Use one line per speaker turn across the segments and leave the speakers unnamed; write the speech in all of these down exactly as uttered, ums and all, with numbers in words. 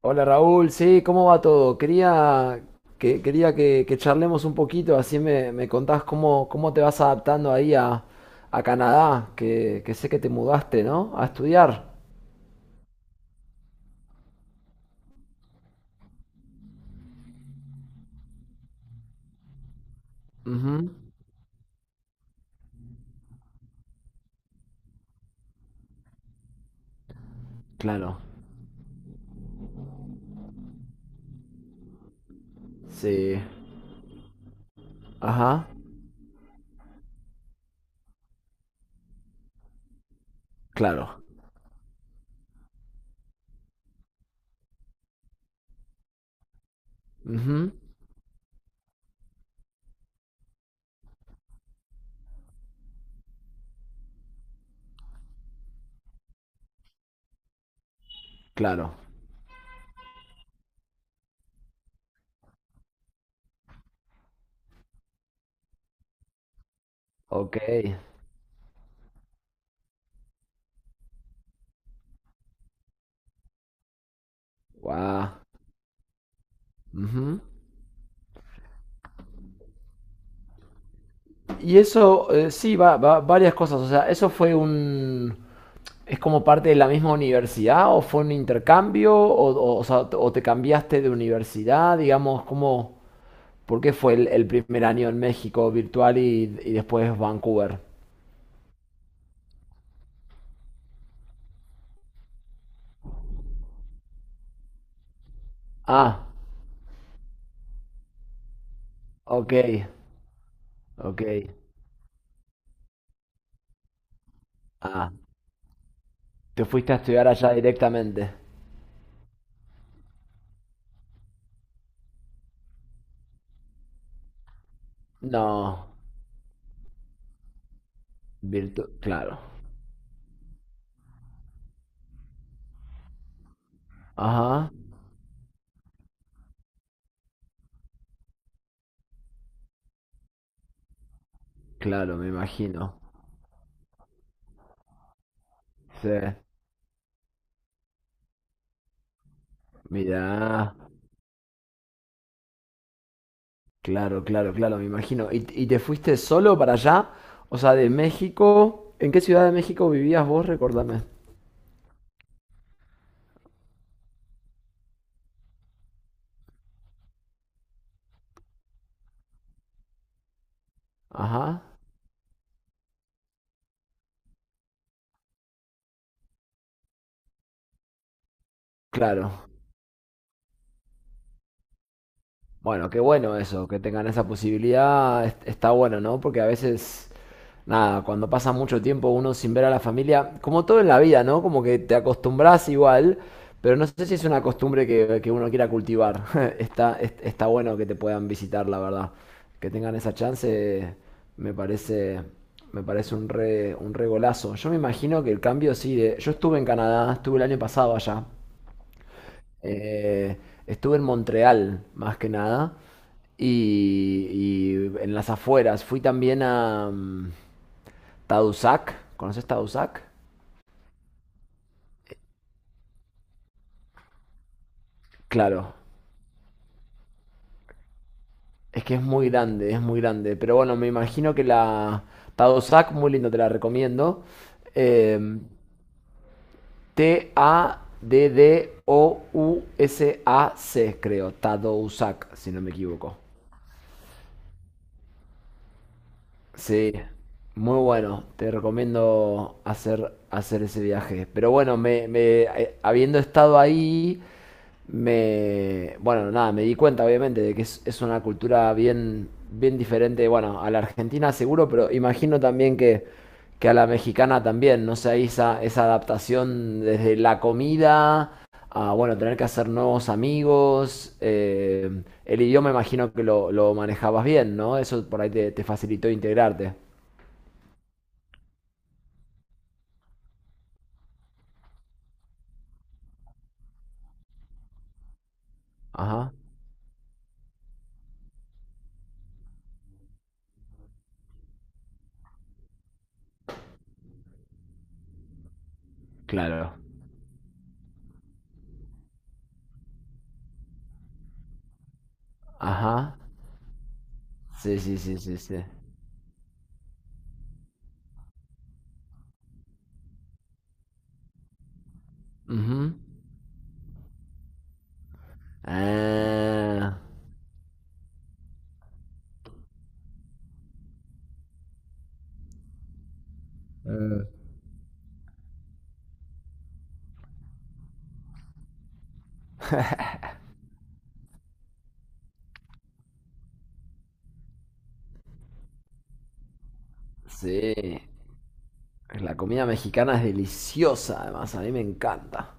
Hola Raúl, sí, ¿cómo va todo? Quería que, quería que, que charlemos un poquito, así me, me contás cómo, cómo te vas adaptando ahí a, a Canadá, que, que sé que te mudaste, ¿no? A estudiar. Ujú. Claro. Sí. Ajá. Claro. Ujú. Claro. Ok. Guau. Ujú. Y eso, eh, sí, va, va- varias cosas. O sea, eso fue un... ¿Es como parte de la misma universidad o fue un intercambio? ¿O, o, o sea, o te cambiaste de universidad? Digamos, ¿cómo, ¿por qué fue el, el primer año en México virtual y, y después Vancouver? Ah, ok, ok. Ah, te fuiste a estudiar allá directamente. No, virtu- claro. Ajá, claro, me imagino. Sí, mira. Claro, claro, claro, me imagino. ¿Y, y te fuiste solo para allá? O sea, de México. ¿En qué ciudad de México vivías vos? Recordame. Ajá. Claro. Bueno, qué bueno eso, que tengan esa posibilidad, es- está bueno, ¿no? Porque a veces, nada, cuando pasa mucho tiempo uno sin ver a la familia, como todo en la vida, ¿no? Como que te acostumbras igual, pero no sé si es una costumbre que, que uno quiera cultivar. Está, es- está bueno que te puedan visitar, la verdad. Que tengan esa chance, me parece, me parece un re, un re golazo. Yo me imagino que el cambio sí, de- yo estuve en Canadá, estuve el año pasado allá. Eh, estuve en Montreal, más que nada, y, y en las afueras. Fui también a mm, Tadoussac. ¿Conoces Tadoussac? Claro, es que es muy grande, es muy grande. Pero bueno, me imagino que la Tadoussac, muy lindo, te la recomiendo. Em, T A D D O U S A C, creo. Tadoussac, si no me equivoco. Sí, muy bueno. Te recomiendo hacer, hacer ese viaje. Pero bueno, me, me- eh, habiendo estado ahí, me, bueno, nada, me di cuenta obviamente de que es, es una cultura bien, bien diferente, bueno, a la argentina seguro, pero imagino también que, que a la mexicana también, no sé, ahí esa, esa adaptación desde la comida a, bueno, tener que hacer nuevos amigos. Eh, el idioma imagino que lo, lo manejabas bien, ¿no? Eso por ahí te, te facilitó integrarte. Ajá, claro. Ajá. Sí, sí, sí, sí, sí. Ujú. Ah. Eh, sí. La comida mexicana es deliciosa, además, a mí me encanta.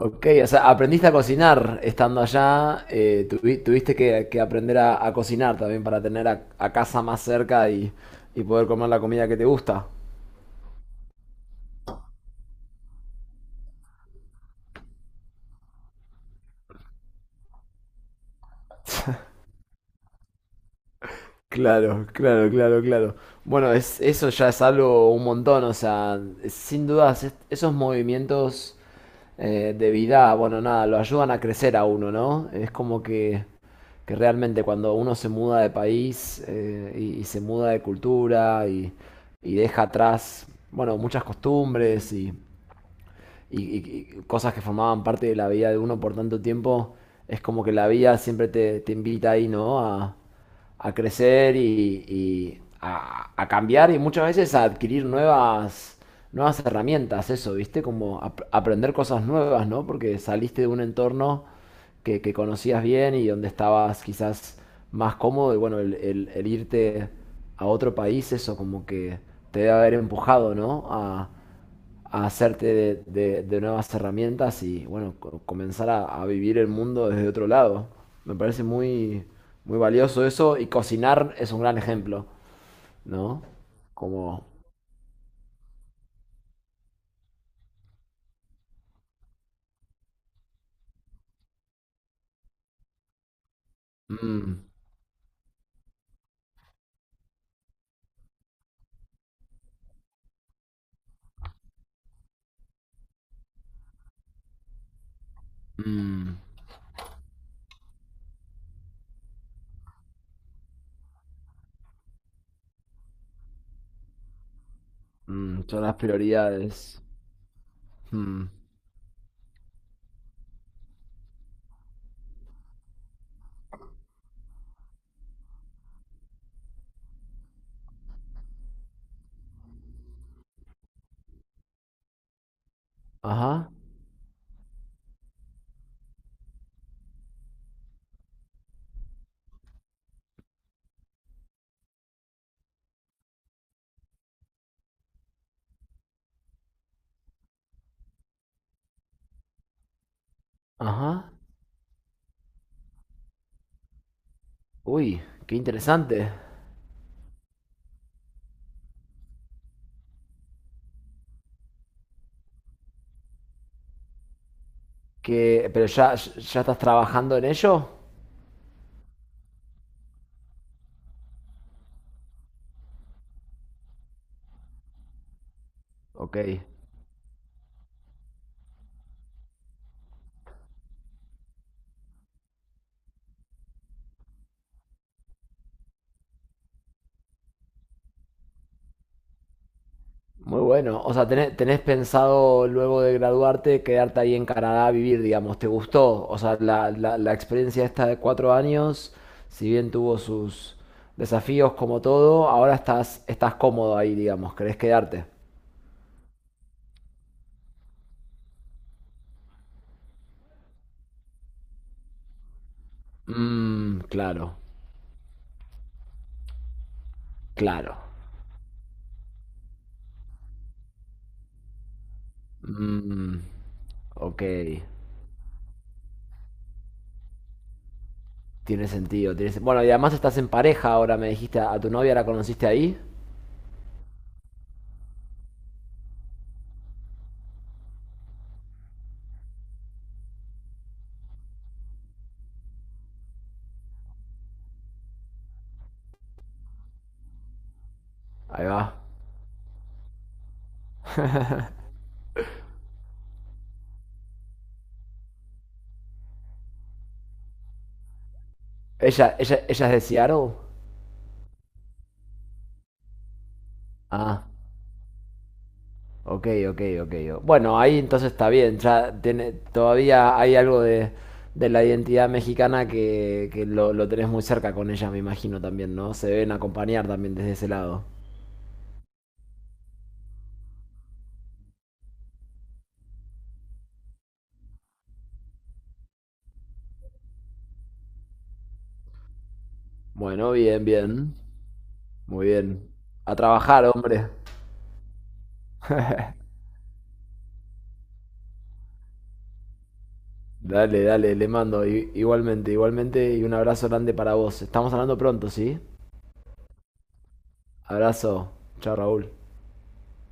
Ok, o sea, aprendiste a cocinar estando allá, eh, tuvi- tuviste que, que aprender a, a cocinar también para tener a, a casa más cerca y, y poder comer la comida que te gusta. Claro, claro, claro, claro. Bueno, es, eso ya es algo un montón, o sea, sin dudas, es- esos movimientos eh, de vida, bueno, nada, lo ayudan a crecer a uno, ¿no? Es como que que realmente cuando uno se muda de país eh, y, y se muda de cultura y, y deja atrás, bueno, muchas costumbres y, y, y- y cosas que formaban parte de la vida de uno por tanto tiempo, es como que la vida siempre te, te invita ahí, ¿no? A, a crecer y, y a, a cambiar y muchas veces a adquirir nuevas, nuevas herramientas, eso, ¿viste? Como ap- aprender cosas nuevas, ¿no? Porque saliste de un entorno que, que conocías bien y donde estabas quizás más cómodo y bueno, el, el- el irte a otro país, eso como que te debe haber empujado, ¿no? A hacerte de, de- de nuevas herramientas y bueno, co- comenzar a, a vivir el mundo desde otro lado. Me parece muy, muy valioso eso y cocinar es un gran ejemplo, ¿no? Como, mm, mm, mm, son las prioridades. Mm, ajá, ajá. Uy, qué interesante. Que, pero ya, ya estás trabajando en ello. Ok. Muy bueno. O sea, tenés, tenés pensado luego de graduarte quedarte ahí en Canadá a vivir, digamos. ¿Te gustó? O sea, la, la, la experiencia esta de cuatro años, si bien tuvo sus desafíos como todo, ahora estás, estás cómodo ahí, digamos. ¿Querés quedarte? Mmm, claro, claro. Mmm, ok. Tiene sentido, tiene sen- Bueno, y además estás en pareja ahora, me dijiste. ¿A tu novia la conociste ahí? Ahí va. ¿Ella, ella, ella es de Seattle? Ah. Ok, ok, ok. Bueno, ahí entonces está bien. Ya tiene, todavía hay algo de, de la identidad mexicana que, que lo, lo tenés muy cerca con ella, me imagino también, ¿no? Se deben acompañar también desde ese lado. Bueno, bien, bien. Muy bien. A trabajar, hombre. Dale, dale, le mando. I- igualmente, igualmente. Y un abrazo grande para vos. Estamos hablando pronto, ¿sí? Abrazo. Chao, Raúl.